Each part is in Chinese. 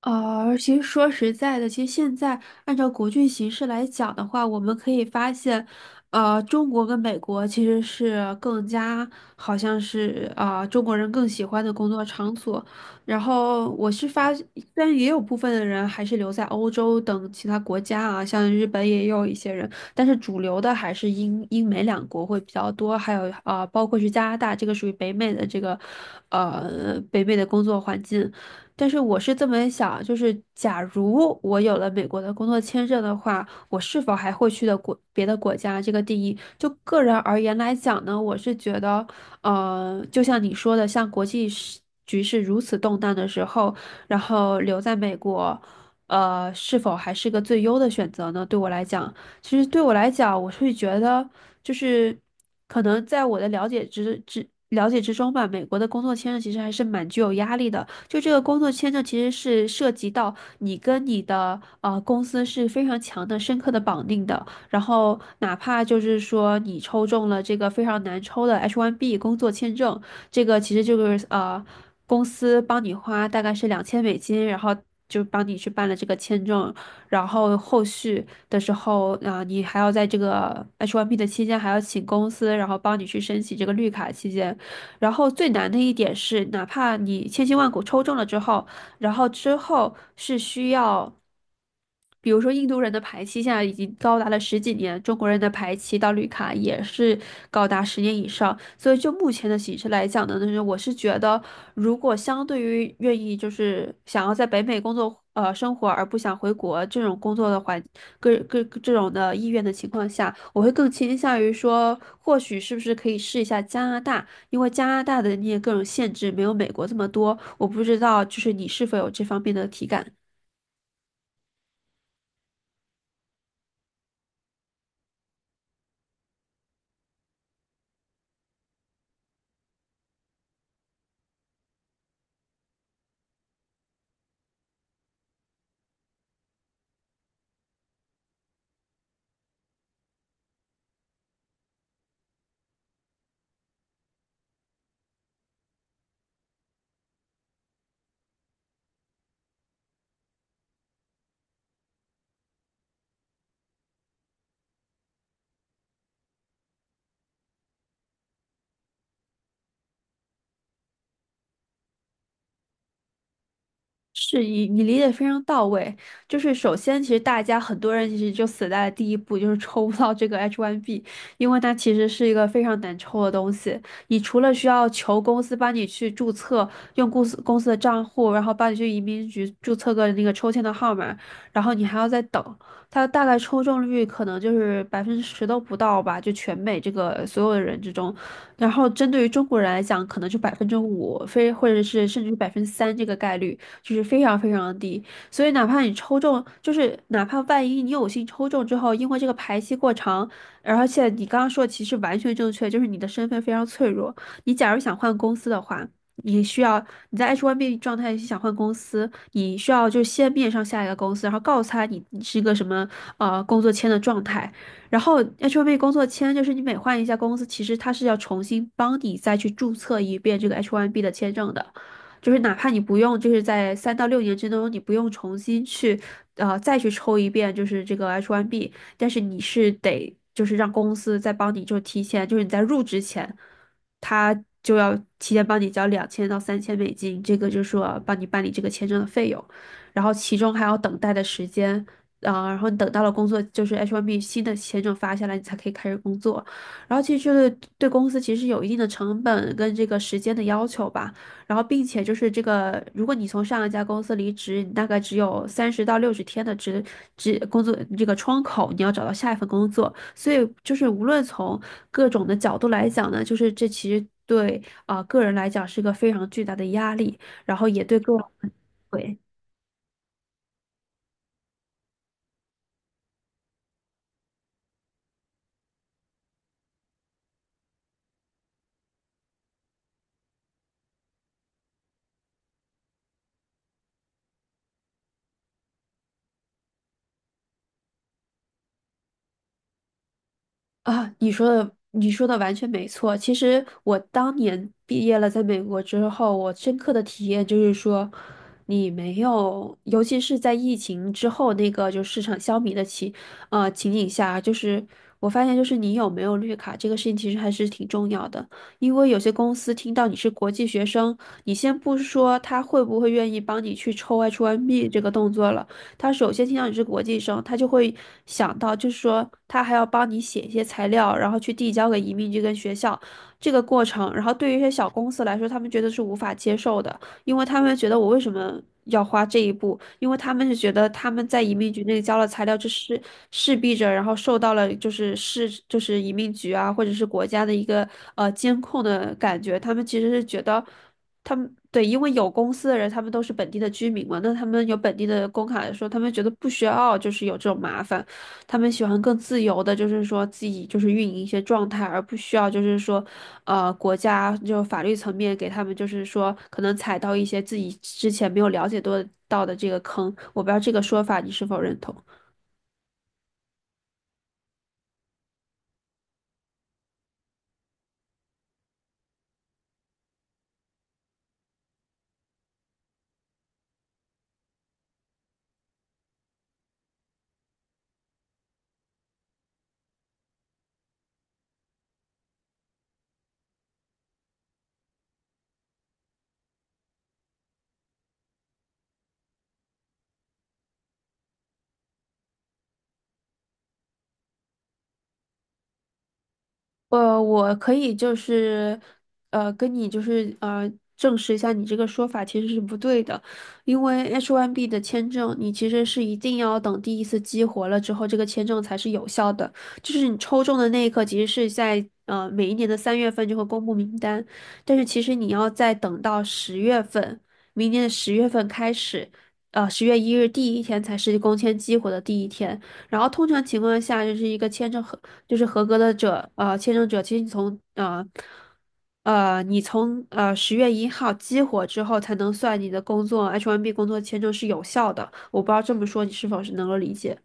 啊，其实说实在的，其实现在按照国际形势来讲的话，我们可以发现，中国跟美国其实是更加好像是啊，中国人更喜欢的工作场所。然后我是发，虽然也有部分的人还是留在欧洲等其他国家啊，像日本也有一些人，但是主流的还是英美两国会比较多，还有、包括是加拿大，这个属于北美的这个北美的工作环境。但是我是这么想，就是假如我有了美国的工作签证的话，我是否还会去的国别的国家？这个定义，就个人而言来讲呢，我是觉得，就像你说的，像国际时局势如此动荡的时候，然后留在美国，是否还是个最优的选择呢？对我来讲，其实对我来讲，我会觉得就是可能在我的了解之中吧，美国的工作签证其实还是蛮具有压力的。就这个工作签证其实是涉及到你跟你的公司是非常强的、深刻的绑定的。然后哪怕就是说你抽中了这个非常难抽的 H1B 工作签证，这个其实就是公司帮你花大概是2000美金，然后就帮你去办了这个签证，然后后续的时候，啊，你还要在这个 H1B 的期间还要请公司，然后帮你去申请这个绿卡期间。然后最难的一点是，哪怕你千辛万苦抽中了之后，然后之后是需要，比如说印度人的排期现在已经高达了十几年，中国人的排期到绿卡也是高达10年以上。所以就目前的形势来讲呢，就是我是觉得，如果相对于愿意就是想要在北美工作生活而不想回国这种工作的环各各这种的意愿的情况下，我会更倾向于说，或许是不是可以试一下加拿大。因为加拿大的那些各种限制没有美国这么多，我不知道就是你是否有这方面的体感。是你你理解非常到位，就是首先，其实大家很多人其实就死在了第一步，就是抽不到这个 H1B,因为它其实是一个非常难抽的东西。你除了需要求公司帮你去注册，用公司的账户，然后帮你去移民局注册个那个抽签的号码，然后你还要再等。它大概抽中率可能就是10%都不到吧，就全美这个所有的人之中，然后针对于中国人来讲，可能就5%，非或者是甚至3%这个概率。就是非常非常的低。所以哪怕你抽中，就是哪怕万一你有幸抽中之后，因为这个排期过长，而且你刚刚说的其实完全正确，就是你的身份非常脆弱。你假如想换公司的话，你需要你在 H1B 状态想换公司，你需要就先面上下一个公司，然后告诉他你你是一个什么工作签的状态。然后 H1B 工作签就是你每换一家公司，其实它是要重新帮你再去注册一遍这个 H1B 的签证的。就是哪怕你不用，就是在3到6年之中，你不用重新去，再去抽一遍，就是这个 H1B,但是你是得就是让公司再帮你，就提前，就是你在入职前，他就要提前帮你交2000到3000美金，这个就是说帮你办理这个签证的费用，然后其中还要等待的时间。然后你等到了工作，就是 H1B 新的签证发下来，你才可以开始工作。然后其实对公司其实有一定的成本跟这个时间的要求吧。然后并且就是这个，如果你从上一家公司离职，你大概只有30到60天的工作这个窗口，你要找到下一份工作。所以就是无论从各种的角度来讲呢，就是这其实对个人来讲是个非常巨大的压力，然后也对个人对。啊，你说的完全没错。其实我当年毕业了，在美国之后，我深刻的体验就是说，你没有，尤其是在疫情之后那个就市场消弭的情景下，就是我发现就是你有没有绿卡这个事情其实还是挺重要的，因为有些公司听到你是国际学生，你先不说他会不会愿意帮你去抽 H1B 这个动作了。他首先听到你是国际生，他就会想到，就是说他还要帮你写一些材料，然后去递交给移民局跟学校这个过程。然后对于一些小公司来说，他们觉得是无法接受的，因为他们觉得我为什么要花这一步？因为他们是觉得他们在移民局那里交了材料，这是势必着，然后受到了就是移民局啊，或者是国家的一个监控的感觉。他们其实是觉得。他们对，因为有公司的人，他们都是本地的居民嘛，那他们有本地的工卡来说，他们觉得不需要就是有这种麻烦，他们喜欢更自由的，就是说自己就是运营一些状态，而不需要就是说，国家就法律层面给他们就是说可能踩到一些自己之前没有了解多到的这个坑，我不知道这个说法你是否认同。我可以就是，跟你证实一下你这个说法其实是不对的，因为 H1B 的签证，你其实是一定要等第一次激活了之后，这个签证才是有效的。就是你抽中的那一刻，其实是在每一年的三月份就会公布名单，但是其实你要再等到十月份，明年的十月份开始，10月1日第一天才是工签激活的第一天。然后通常情况下，就是一个签证合，就是合格的者，签证者，其实你从10月1号激活之后，才能算你的工作 H1B 工作签证是有效的。我不知道这么说你是否是能够理解。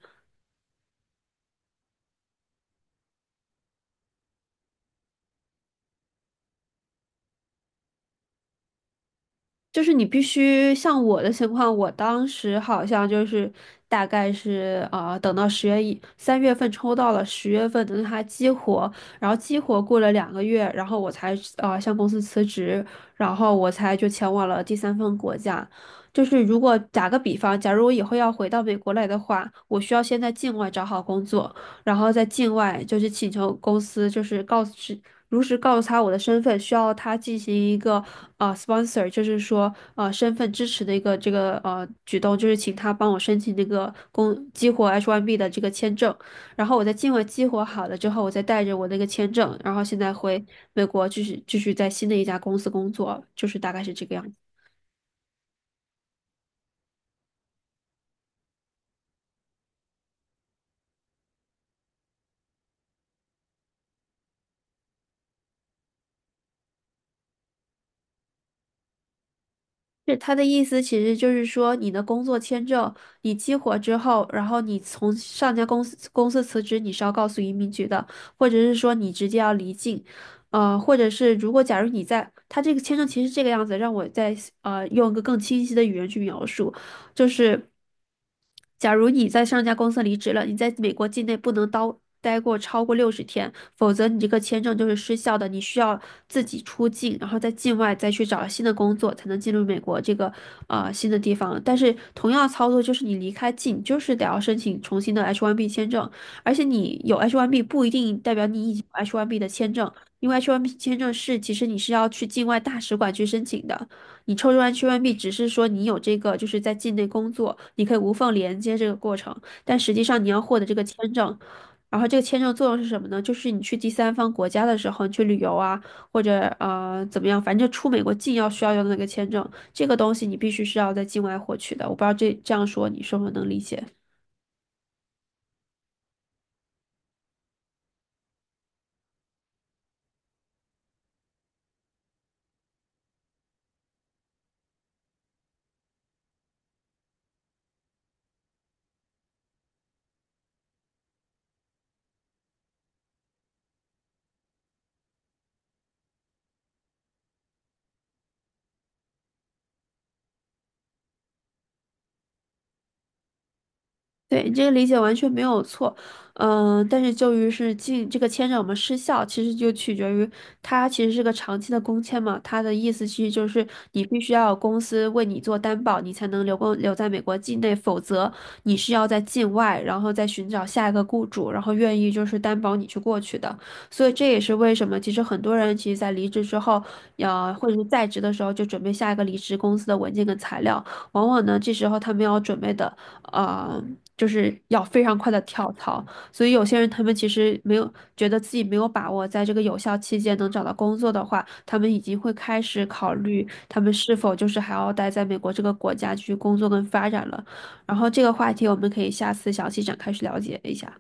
就是你必须像我的情况，我当时好像就是大概是啊，等到十月一三月份抽到了，十月份等它激活，然后激活过了2个月，然后我才啊向公司辞职，然后我才就前往了第三份国家。就是如果打个比方，假如我以后要回到美国来的话，我需要先在境外找好工作，然后在境外就是请求公司就是告知如实告诉他我的身份，需要他进行一个sponsor,就是说身份支持的一个这个举动，就是请他帮我申请这个激活 H1B 的这个签证，然后我在境外激活好了之后，我再带着我那个签证，然后现在回美国继续在新的一家公司工作，就是大概是这个样子。是他的意思，其实就是说，你的工作签证你激活之后，然后你从上家公司辞职，你是要告诉移民局的，或者是说你直接要离境，或者是如果假如你在他这个签证其实是这个样子，让我再用一个更清晰的语言去描述，就是假如你在上家公司离职了，你在美国境内不能待超过六十天，否则你这个签证就是失效的，你需要自己出境，然后在境外再去找新的工作，才能进入美国这个新的地方。但是同样操作就是你离开境，就是得要申请重新的 H1B 签证，而且你有 H1B 不一定代表你已经有 H1B 的签证，因为 H1B 签证是其实你是要去境外大使馆去申请的。你抽完 h 外 b 只是说你有这个，就是在境内工作，你可以无缝连接这个过程，但实际上你要获得这个签证，然后这个签证作用是什么呢？就是你去第三方国家的时候，你去旅游啊，或者怎么样，反正就出美国境要需要用的那个签证，这个东西你必须是要在境外获取的。我不知道这这样说你是否能理解。对，你这个理解完全没有错，但是就于是进这个签证失效，其实就取决于它其实是个长期的工签嘛，它的意思其实就是你必须要有公司为你做担保，你才能留在美国境内，否则你是要在境外，然后再寻找下一个雇主，然后愿意就是担保你去过去的。所以这也是为什么其实很多人其实在离职之后，或者是在职的时候就准备下一个离职公司的文件跟材料，往往呢这时候他们要准备的。呃，就是要非常快的跳槽。所以有些人他们其实没有觉得自己没有把握在这个有效期间能找到工作的话，他们已经会开始考虑他们是否就是还要待在美国这个国家去工作跟发展了。然后这个话题我们可以下次详细展开去了解一下。